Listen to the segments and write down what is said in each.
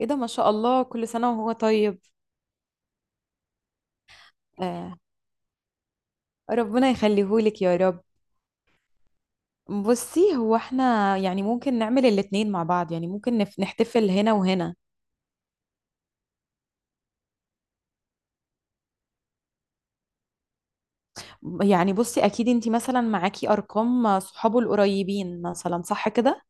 ايه ده، ما شاء الله، كل سنة وهو طيب. آه، ربنا يخليهولك يا رب. بصي، هو احنا يعني ممكن نعمل الاتنين مع بعض، يعني ممكن نحتفل هنا وهنا. يعني بصي، اكيد انتي مثلا معاكي ارقام صحابه القريبين مثلا، صح كده؟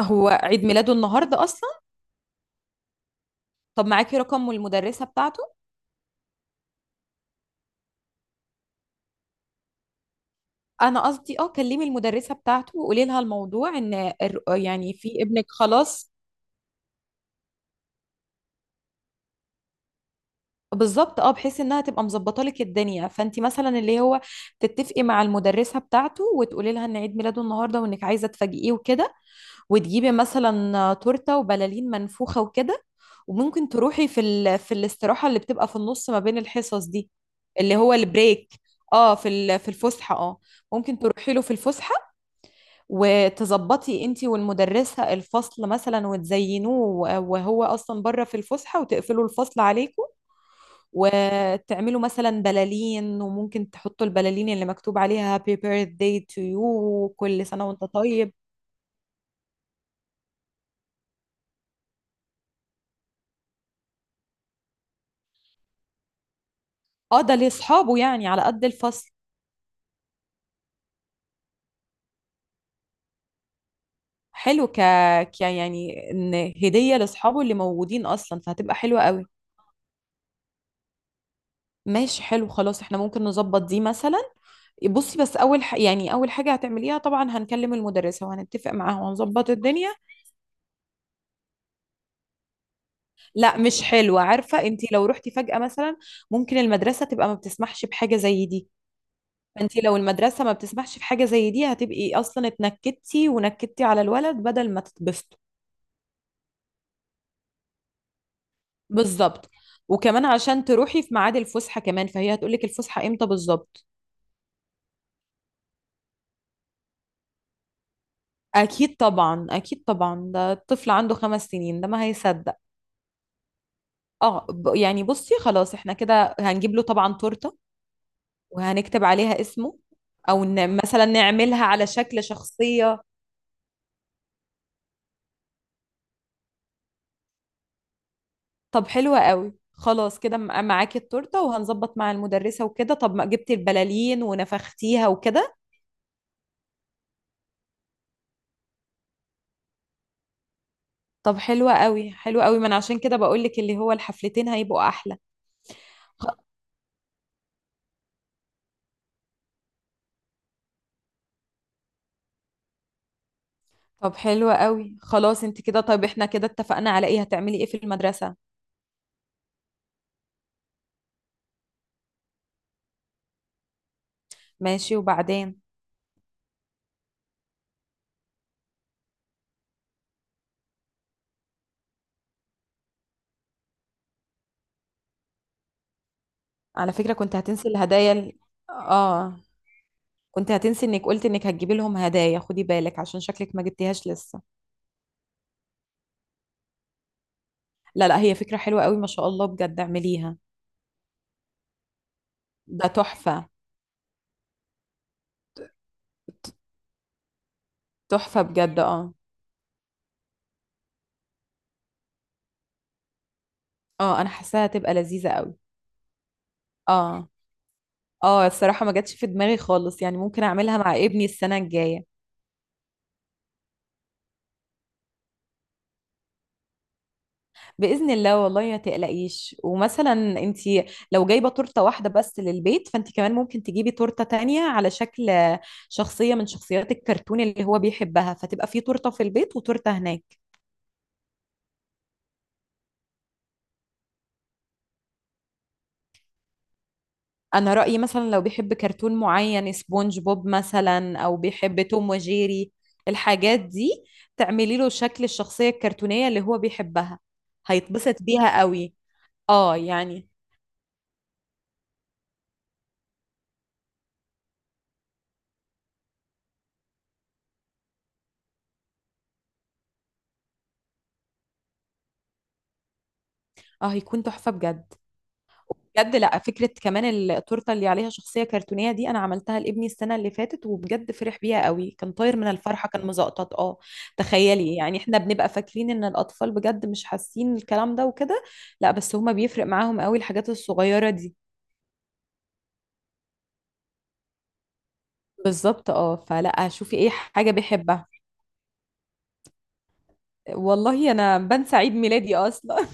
هو عيد ميلاده النهارده اصلا؟ طب معاكي رقم المدرسة بتاعته؟ انا قصدي اه كلمي المدرسة بتاعته وقولي لها الموضوع ان يعني في ابنك خلاص. بالظبط، اه، بحيث انها تبقى مظبطه لك الدنيا، فانت مثلا اللي هو تتفقي مع المدرسه بتاعته وتقولي لها ان عيد ميلاده النهارده وانك عايزه تفاجئيه وكده، وتجيبي مثلا تورته وبلالين منفوخه وكده. وممكن تروحي في في الاستراحه اللي بتبقى في النص ما بين الحصص دي، اللي هو البريك، اه، في في الفسحه. اه، ممكن تروحي له في الفسحه وتظبطي انت والمدرسه الفصل مثلا وتزينوه وهو اصلا بره في الفسحه، وتقفلوا الفصل عليكم وتعملوا مثلا بلالين، وممكن تحطوا البلالين اللي مكتوب عليها happy birthday to you وكل سنة وانت طيب. اه ده لاصحابه يعني على قد الفصل. حلو، ك... ك يعني ان هدية لاصحابه اللي موجودين اصلا، فهتبقى حلوة قوي. ماشي، حلو، خلاص احنا ممكن نظبط دي مثلا. بصي، بس اول يعني اول حاجة هتعمليها طبعا هنكلم المدرسة وهنتفق معاها وهنظبط الدنيا. لا، مش حلوة، عارفة انت لو رحتي فجأة مثلا ممكن المدرسة تبقى ما بتسمحش بحاجة زي دي. فانت لو المدرسه ما بتسمحش في حاجه زي دي، هتبقي اصلا اتنكدتي ونكدتي على الولد بدل ما تتبسطوا. بالظبط. وكمان عشان تروحي في ميعاد الفسحه، كمان فهي هتقولك الفسحه امتى بالظبط. اكيد طبعا، اكيد طبعا، ده الطفل عنده 5 سنين، ده ما هيصدق. اه، يعني بصي، خلاص احنا كده هنجيب له طبعا تورته وهنكتب عليها اسمه. او مثلا نعملها على شكل شخصيه. طب حلوة قوي، خلاص كده معاكي التورتة وهنظبط مع المدرسة وكده. طب ما جبتي البلالين ونفختيها وكده. طب حلوة قوي حلوة قوي، ما انا عشان كده بقولك اللي هو الحفلتين هيبقوا احلى. خ- طب حلوة قوي، خلاص انت كده طيب. احنا كده اتفقنا على ايه؟ هتعملي ايه في المدرسة؟ ماشي، وبعدين؟ على فكرة كنت هتنسي الهدايا. اه، كنت هتنسي انك قلت انك هتجيبي لهم هدايا، خدي بالك عشان شكلك ما جبتيهاش لسه. لا لا، هي فكرة حلوة قوي، ما شاء الله، بجد اعمليها. ده تحفة، تحفة بجد. اه اه، انا حاساها هتبقى لذيذة قوي. اه اه، الصراحة ما جاتش في دماغي خالص، يعني ممكن اعملها مع ابني السنة الجاية بإذن الله. والله ما تقلقيش. ومثلا انتي لو جايبة تورتة واحدة بس للبيت، فانتي كمان ممكن تجيبي تورتة تانية على شكل شخصية من شخصيات الكرتون اللي هو بيحبها، فتبقى في تورتة في البيت وتورتة هناك. انا رأيي مثلا لو بيحب كرتون معين، سبونج بوب مثلا، او بيحب توم وجيري، الحاجات دي، تعملي له شكل الشخصية الكرتونية اللي هو بيحبها، هيتبسط بيها قوي. اه، يعني اه هيكون تحفة بجد. بجد، لا، فكرة كمان التورتة اللي عليها شخصية كرتونية دي انا عملتها لابني السنة اللي فاتت وبجد فرح بيها قوي، كان طاير من الفرحة، كان مزقطط. اه، تخيلي، يعني احنا بنبقى فاكرين ان الاطفال بجد مش حاسين الكلام ده وكده. لا، بس هما بيفرق معاهم قوي الحاجات الصغيرة دي. بالظبط، اه، فلا شوفي ايه حاجة بيحبها. والله انا بنسى عيد ميلادي اصلا.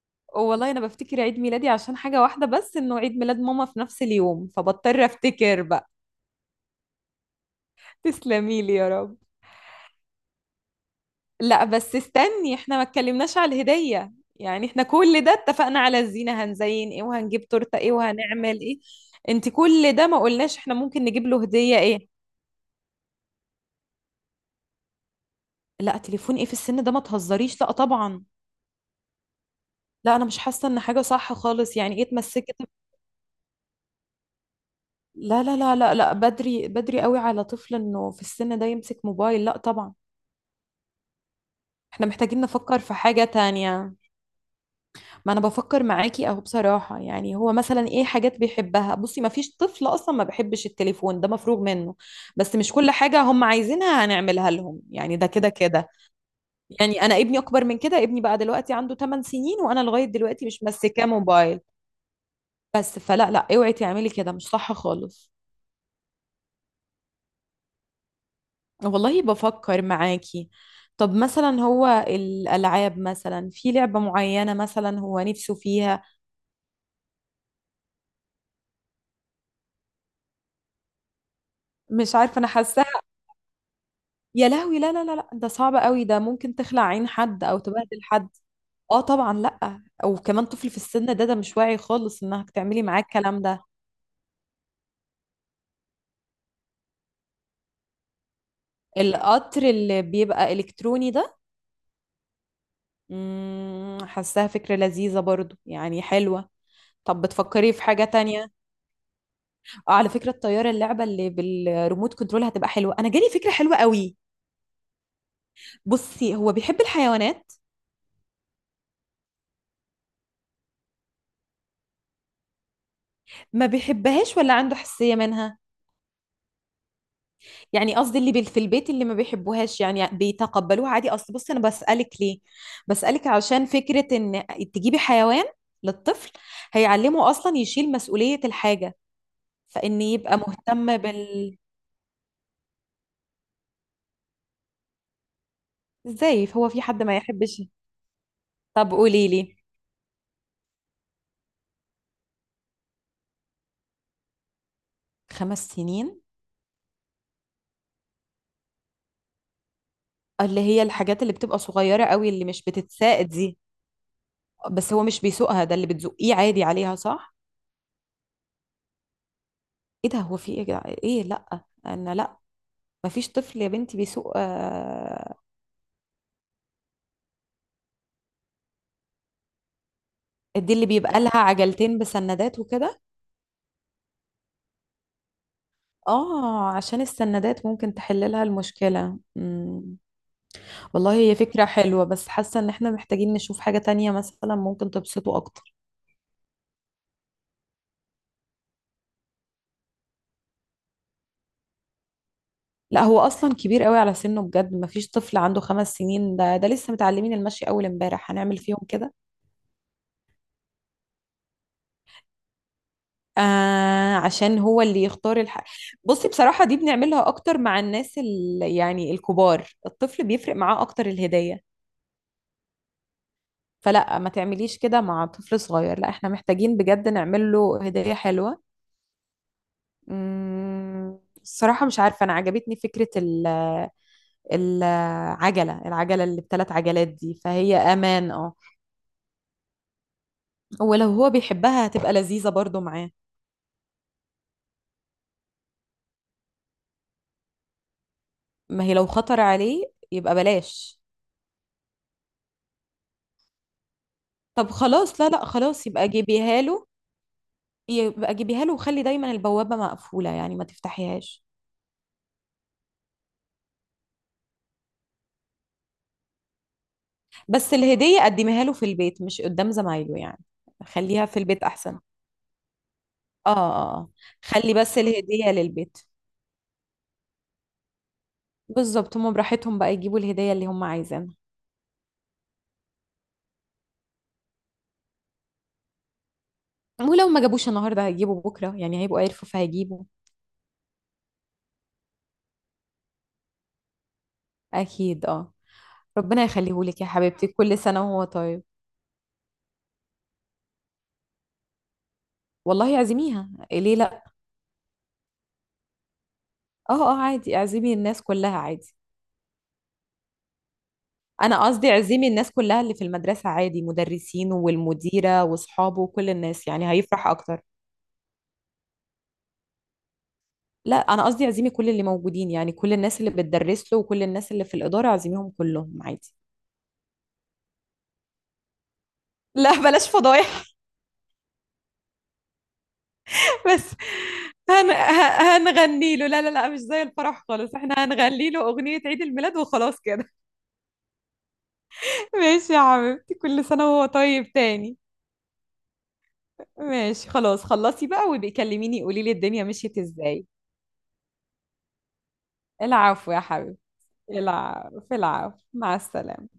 والله انا بفتكر عيد ميلادي عشان حاجة واحدة بس، انه عيد ميلاد ماما في نفس اليوم، فبضطر افتكر بقى. تسلمي لي يا رب. لا بس استني، احنا ما اتكلمناش على الهدية. يعني احنا كل ده اتفقنا على الزينة هنزين ايه، وهنجيب تورتة ايه، وهنعمل ايه. انت كل ده ما قلناش احنا ممكن نجيب له هدية ايه. لا تليفون ايه في السن ده، ما تهزريش، لا طبعا. لا انا مش حاسه ان حاجه صح خالص، يعني ايه اتمسكت؟ لا لا لا لا لا، بدري بدري قوي على طفل انه في السن ده يمسك موبايل، لا طبعا. احنا محتاجين نفكر في حاجة تانية. ما انا بفكر معاكي اهو بصراحة. يعني هو مثلا ايه حاجات بيحبها؟ بصي، ما فيش طفل اصلا ما بيحبش التليفون ده، مفروغ منه. بس مش كل حاجة هم عايزينها هنعملها لهم يعني، ده كده كده. يعني انا ابني اكبر من كده، ابني بقى دلوقتي عنده 8 سنين، وانا لغاية دلوقتي مش ماسكاه موبايل. بس فلا لا، اوعي تعملي كده، مش صح خالص. والله بفكر معاكي. طب مثلا هو الألعاب، مثلا في لعبة معينة مثلا هو نفسه فيها؟ مش عارفة، أنا حاساها. يا لهوي، لا لا لا لا، ده صعب قوي، ده ممكن تخلع عين حد أو تبهدل حد. اه طبعا، لا، وكمان طفل في السن ده، ده مش واعي خالص انك تعملي معاه الكلام ده. القطر اللي بيبقى إلكتروني ده؟ حاساها فكرة لذيذة برضو، يعني حلوة. طب بتفكري في حاجة تانية؟ اه على فكرة، الطيارة اللعبة اللي بالريموت كنترول هتبقى حلوة، أنا جالي فكرة حلوة قوي. بصي، هو بيحب الحيوانات؟ ما بيحبهاش ولا عنده حساسية منها؟ يعني قصدي اللي في البيت اللي ما بيحبوهاش، يعني بيتقبلوها عادي؟ أصل بصي أنا بسألك ليه، بسألك عشان فكرة إن تجيبي حيوان للطفل، هيعلمه أصلا يشيل مسؤولية الحاجة، فإن يبقى مهتم بال... إزاي هو في حد ما يحبش؟ طب قولي لي. 5 سنين؟ اللي هي الحاجات اللي بتبقى صغيرة قوي اللي مش بتتساقط دي؟ بس هو مش بيسوقها، ده اللي بتزقيه عادي عليها، صح؟ ايه ده، هو في ايه يا جدع؟ ايه، لا انا لا، مفيش طفل يا بنتي بيسوق. آه، دي اللي بيبقى لها عجلتين بسندات وكده؟ اه، عشان السندات ممكن تحل لها المشكلة. مم. والله هي فكرة حلوة، بس حاسة ان احنا محتاجين نشوف حاجة تانية مثلا ممكن تبسطه اكتر. لا هو اصلا كبير قوي على سنه، بجد مفيش طفل عنده 5 سنين، ده ده لسه متعلمين المشي اول امبارح هنعمل فيهم كده. آه، عشان هو اللي يختار الحق. بصي بصراحة، دي بنعملها أكتر مع الناس يعني الكبار، الطفل بيفرق معاه أكتر الهدية. فلا ما تعمليش كده مع طفل صغير، لا احنا محتاجين بجد نعمل له هدية حلوة. الصراحة مش عارفة، أنا عجبتني فكرة العجلة، العجلة اللي بـ3 عجلات دي، فهي أمان، اه. ولو هو بيحبها هتبقى لذيذة برضو معاه. ما هي لو خطر عليه يبقى بلاش. طب خلاص، لا لا، خلاص يبقى جيبيها له. يبقى جيبيها له وخلي دايما البوابة مقفولة، يعني ما تفتحيهاش. بس الهدية قدميها له في البيت، مش قدام زمايله يعني. خليها في البيت أحسن. اه اه، آه. خلي بس الهدية للبيت. بالظبط، هم براحتهم بقى يجيبوا الهدية اللي هم عايزينها. ولو ما جابوش النهاردة هيجيبوا بكرة، يعني هيبقوا عرفوا فهيجيبوا. أكيد. اه، ربنا يخليهولك يا حبيبتي، كل سنة وهو طيب. والله اعزميها، ليه لا. اه اه، عادي، اعزمي الناس كلها عادي. انا قصدي عزمي الناس كلها اللي في المدرسة عادي، مدرسين والمديرة واصحابه وكل الناس، يعني هيفرح اكتر. لا انا قصدي عزمي كل اللي موجودين، يعني كل الناس اللي بتدرس له وكل الناس اللي في الإدارة عزميهم كلهم عادي. لا بلاش فضايح. بس هنغني له، لا لا لا، مش زي الفرح خالص، احنا هنغني له أغنية عيد الميلاد وخلاص كده. ماشي يا حبيبتي، كل سنة وهو طيب تاني. ماشي خلاص، خلصي بقى وبيكلميني قولي لي الدنيا مشيت ازاي. العفو يا حبيبتي. العب في العب، مع السلامة.